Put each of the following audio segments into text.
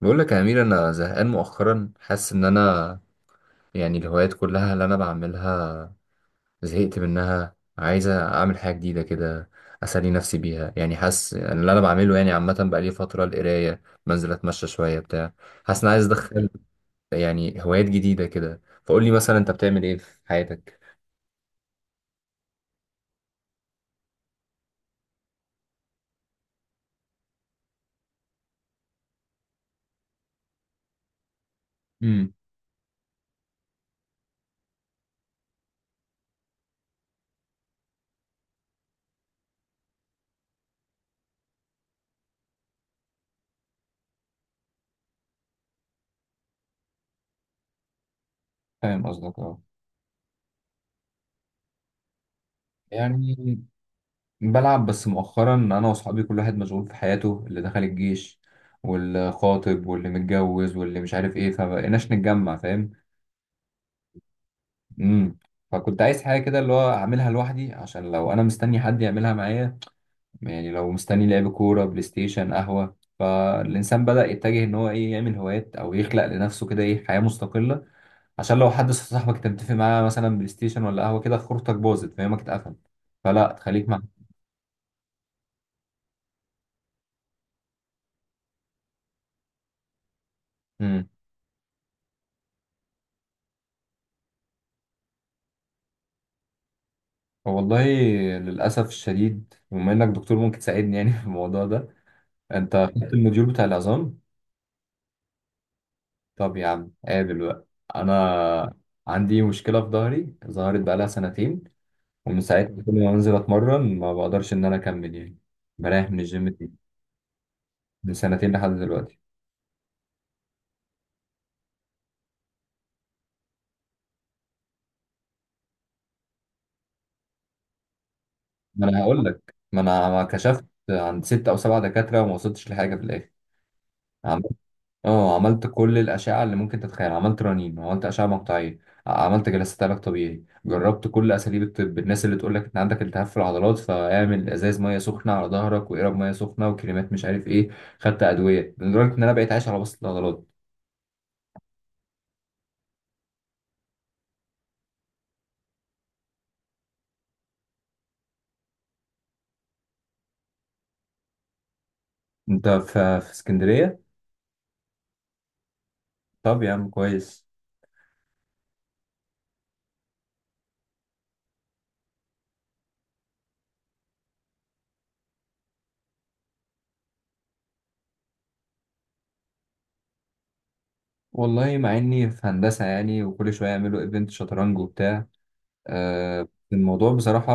بقول لك يا أمير، أنا زهقان مؤخرا. حاسس إن أنا الهوايات كلها اللي أنا بعملها زهقت منها، عايزة أعمل حاجة جديدة كده أسلي نفسي بيها. يعني حاسس إن اللي أنا بعمله يعني عامة بقالي فترة القراية، بنزل أتمشى شوية بتاع. حاسس إن أنا عايز أدخل يعني هوايات جديدة كده. فقول لي مثلا أنت بتعمل إيه في حياتك؟ امم. فاهم قصدك، اه. يعني بلعب، بس مؤخرا انا واصحابي كل واحد مشغول في حياته، اللي دخل الجيش واللي خاطب واللي متجوز واللي مش عارف ايه، فمبقيناش نتجمع، فاهم. امم. فكنت عايز حاجه كده اللي هو اعملها لوحدي، عشان لو انا مستني حد يعملها معايا، يعني لو مستني لعب كوره، بلاي ستيشن، قهوه، فالانسان بدأ يتجه ان هو ايه يعمل هوايات او يخلق لنفسه كده ايه حياه مستقله. عشان لو حد صاحبك انت متفق معاه مثلا بلاي ستيشن ولا قهوه كده خروجتك باظت، فاهمك، اتقفل فلا، تخليك معاه. والله للأسف الشديد، بما إنك دكتور ممكن تساعدني يعني في الموضوع ده. أنت خدت الموديول بتاع العظام. طب يا عم قابل بقى. أنا عندي مشكلة في ظهري، ظهرت بقالها سنتين، ومن ساعتها كل ما بنزل أتمرن ما بقدرش إن أنا أكمل يعني. بريح من الجيم دي. من سنتين لحد دلوقتي. ما أنا هقول لك، ما أنا كشفت عند ست أو سبعة دكاترة وما وصلتش لحاجة في الآخر. اه، عملت كل الأشعة اللي ممكن تتخيل، عملت رنين، عملت أشعة مقطعية، عملت جلسات علاج طبيعي، جربت كل أساليب الطب. الناس اللي تقول لك أنت عندك التهاب في العضلات فاعمل إزاز مية سخنة على ظهرك، وإقرب مية سخنة، وكريمات مش عارف إيه. خدت أدوية لدرجة إن أنا بقيت عايش على بسط العضلات. أنت في اسكندرية؟ طب يا عم كويس. والله مع إني في هندسة يعني، وكل شوية يعملوا إيفنت شطرنج وبتاع. الموضوع بصراحة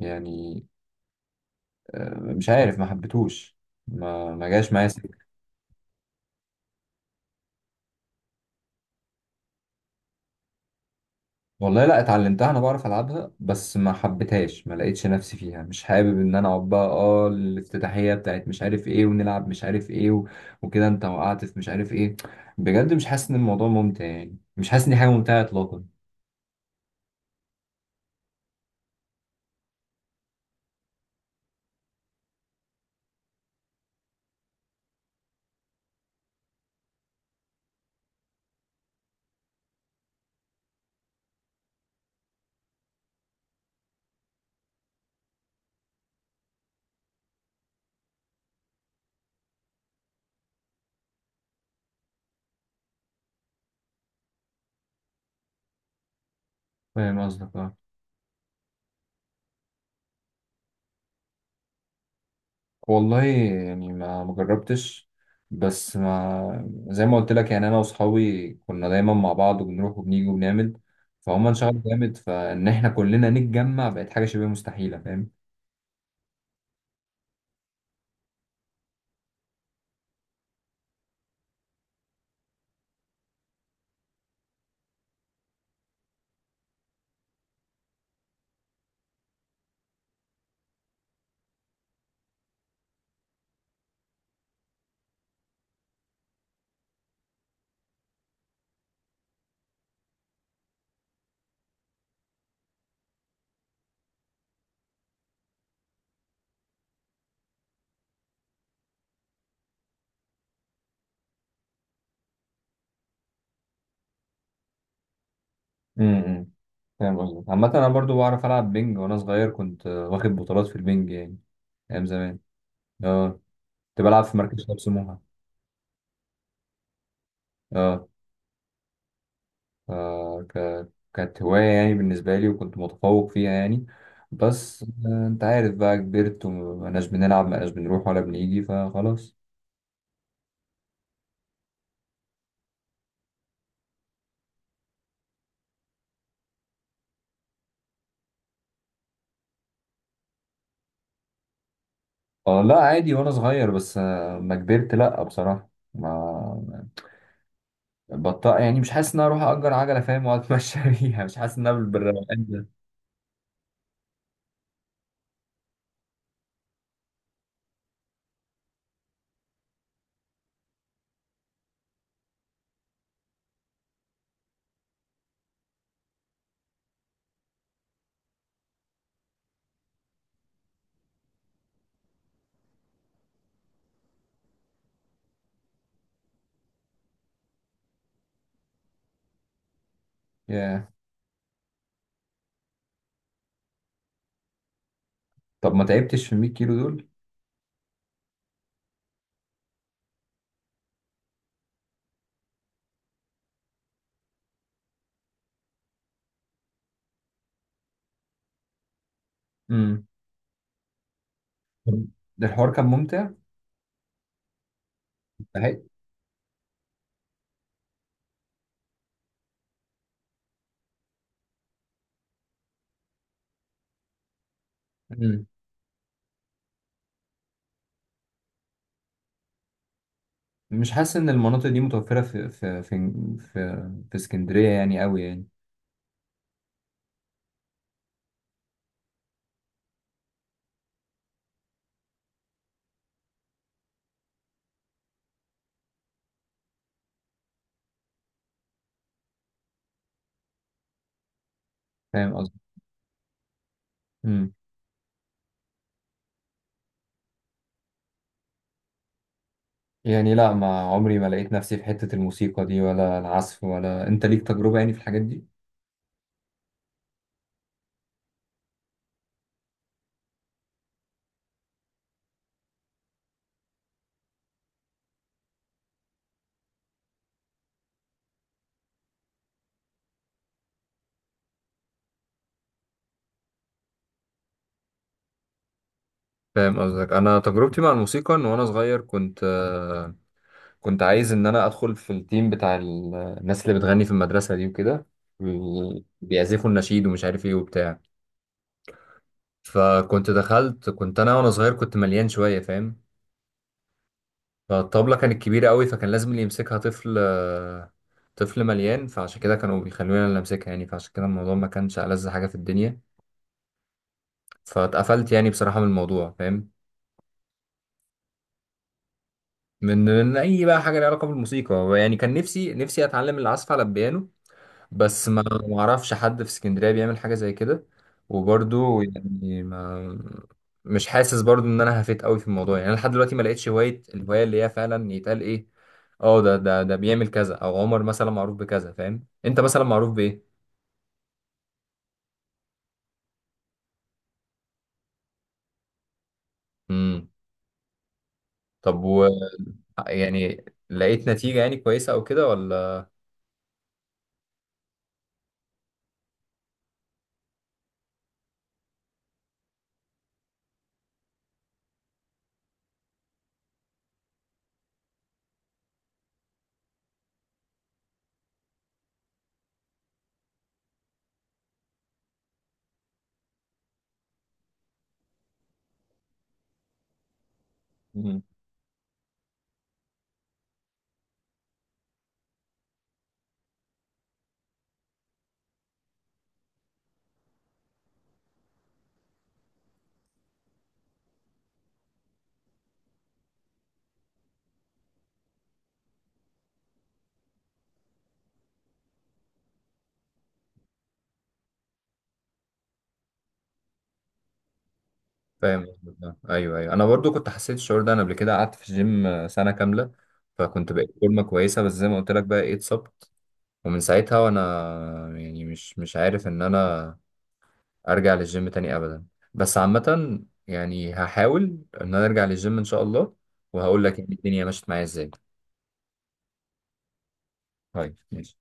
يعني مش عارف، ما حبيتهوش، ما جاش معايا. والله لا، اتعلمتها، انا بعرف العبها، بس ما حبيتهاش، ما لقيتش نفسي فيها. مش حابب ان انا اقعد بقى اه الافتتاحيه بتاعت مش عارف ايه، ونلعب مش عارف ايه وكده انت وقعت في مش عارف ايه. بجد مش حاسس ان الموضوع ممتع، يعني مش حاسس ان دي حاجه ممتعه اطلاقا. فاهم قصدك، اه. والله يعني ما جربتش، بس ما زي ما قلت لك يعني انا واصحابي كنا دايما مع بعض وبنروح وبنيجي وبنعمل، فهم انشغلوا جامد، فان احنا كلنا نتجمع بقت حاجه شبه مستحيله، فاهم. امم. فاهم قصدك. عامة أنا برضو بعرف ألعب بينج، وأنا صغير كنت واخد بطولات في البينج يعني، أيام زمان. أه، كنت بلعب في مركز شباب سموحة. أه، آه، ك... كانت هواية يعني بالنسبة لي، وكنت متفوق فيها يعني، بس أنت عارف بقى كبرت ومبقناش بنلعب، مبقناش بنروح ولا بنيجي، فخلاص. أه لا عادي، وأنا صغير، بس ما كبرت لأ بصراحة، ما بطأ. يعني مش حاسس إن أنا أروح أجر عجلة، فاهم، وأتمشى بيها. مش حاسس إن أنا بالروقان ده. ياه. طب ما تعبتش في 100 كيلو دول؟ ده الحوار كان ممتع، استحق. مم. مش حاسس ان المناطق دي متوفره في اسكندريه يعني، قوي يعني. فاهم قصدي. مم. يعني لا، ما عمري ما لقيت نفسي في حته الموسيقى دي ولا العزف. ولا انت ليك تجربه يعني في الحاجات دي؟ فاهم قصدك. انا تجربتي مع الموسيقى ان وانا صغير كنت كنت عايز ان انا ادخل في التيم بتاع الناس اللي بتغني في المدرسه دي وكده، وال- بيعزفوا النشيد ومش عارف ايه وبتاع. فكنت دخلت، كنت انا وانا صغير كنت مليان شويه، فاهم. فالطبلة كانت كبيرة قوي، فكان لازم اللي يمسكها طفل طفل مليان، فعشان كده كانوا بيخلوني اللي امسكها يعني. فعشان كده الموضوع ما كانش ألذ حاجة في الدنيا، فاتقفلت يعني بصراحة من الموضوع، فاهم. من اي بقى حاجة ليها علاقة بالموسيقى يعني. كان نفسي، نفسي اتعلم العزف على البيانو، بس ما اعرفش حد في اسكندرية بيعمل حاجة زي كده، وبرضو يعني ما، مش حاسس برضو ان انا هفيت قوي في الموضوع. يعني انا لحد دلوقتي ما لقيتش هواية، الهواية اللي هي فعلا يتقال ايه، اه ده بيعمل كذا، او عمر مثلا معروف بكذا، فاهم، انت مثلا معروف بايه. امم. طب و، يعني لقيت نتيجة يعني كويسة او كده ولا؟ مم. فاهم قصدك. ايوه ايوه، انا برضو كنت حسيت الشعور ده، انا قبل كده قعدت في الجيم سنة كاملة، فكنت بقيت فورمة كويسة، بس زي ما قلت لك بقى ايه، اتصبت، ومن ساعتها وانا يعني مش عارف ان انا ارجع للجيم تاني ابدا. بس عامة يعني هحاول ان انا ارجع للجيم ان شاء الله، وهقول لك يعني الدنيا مشيت معايا ازاي. طيب ماشي.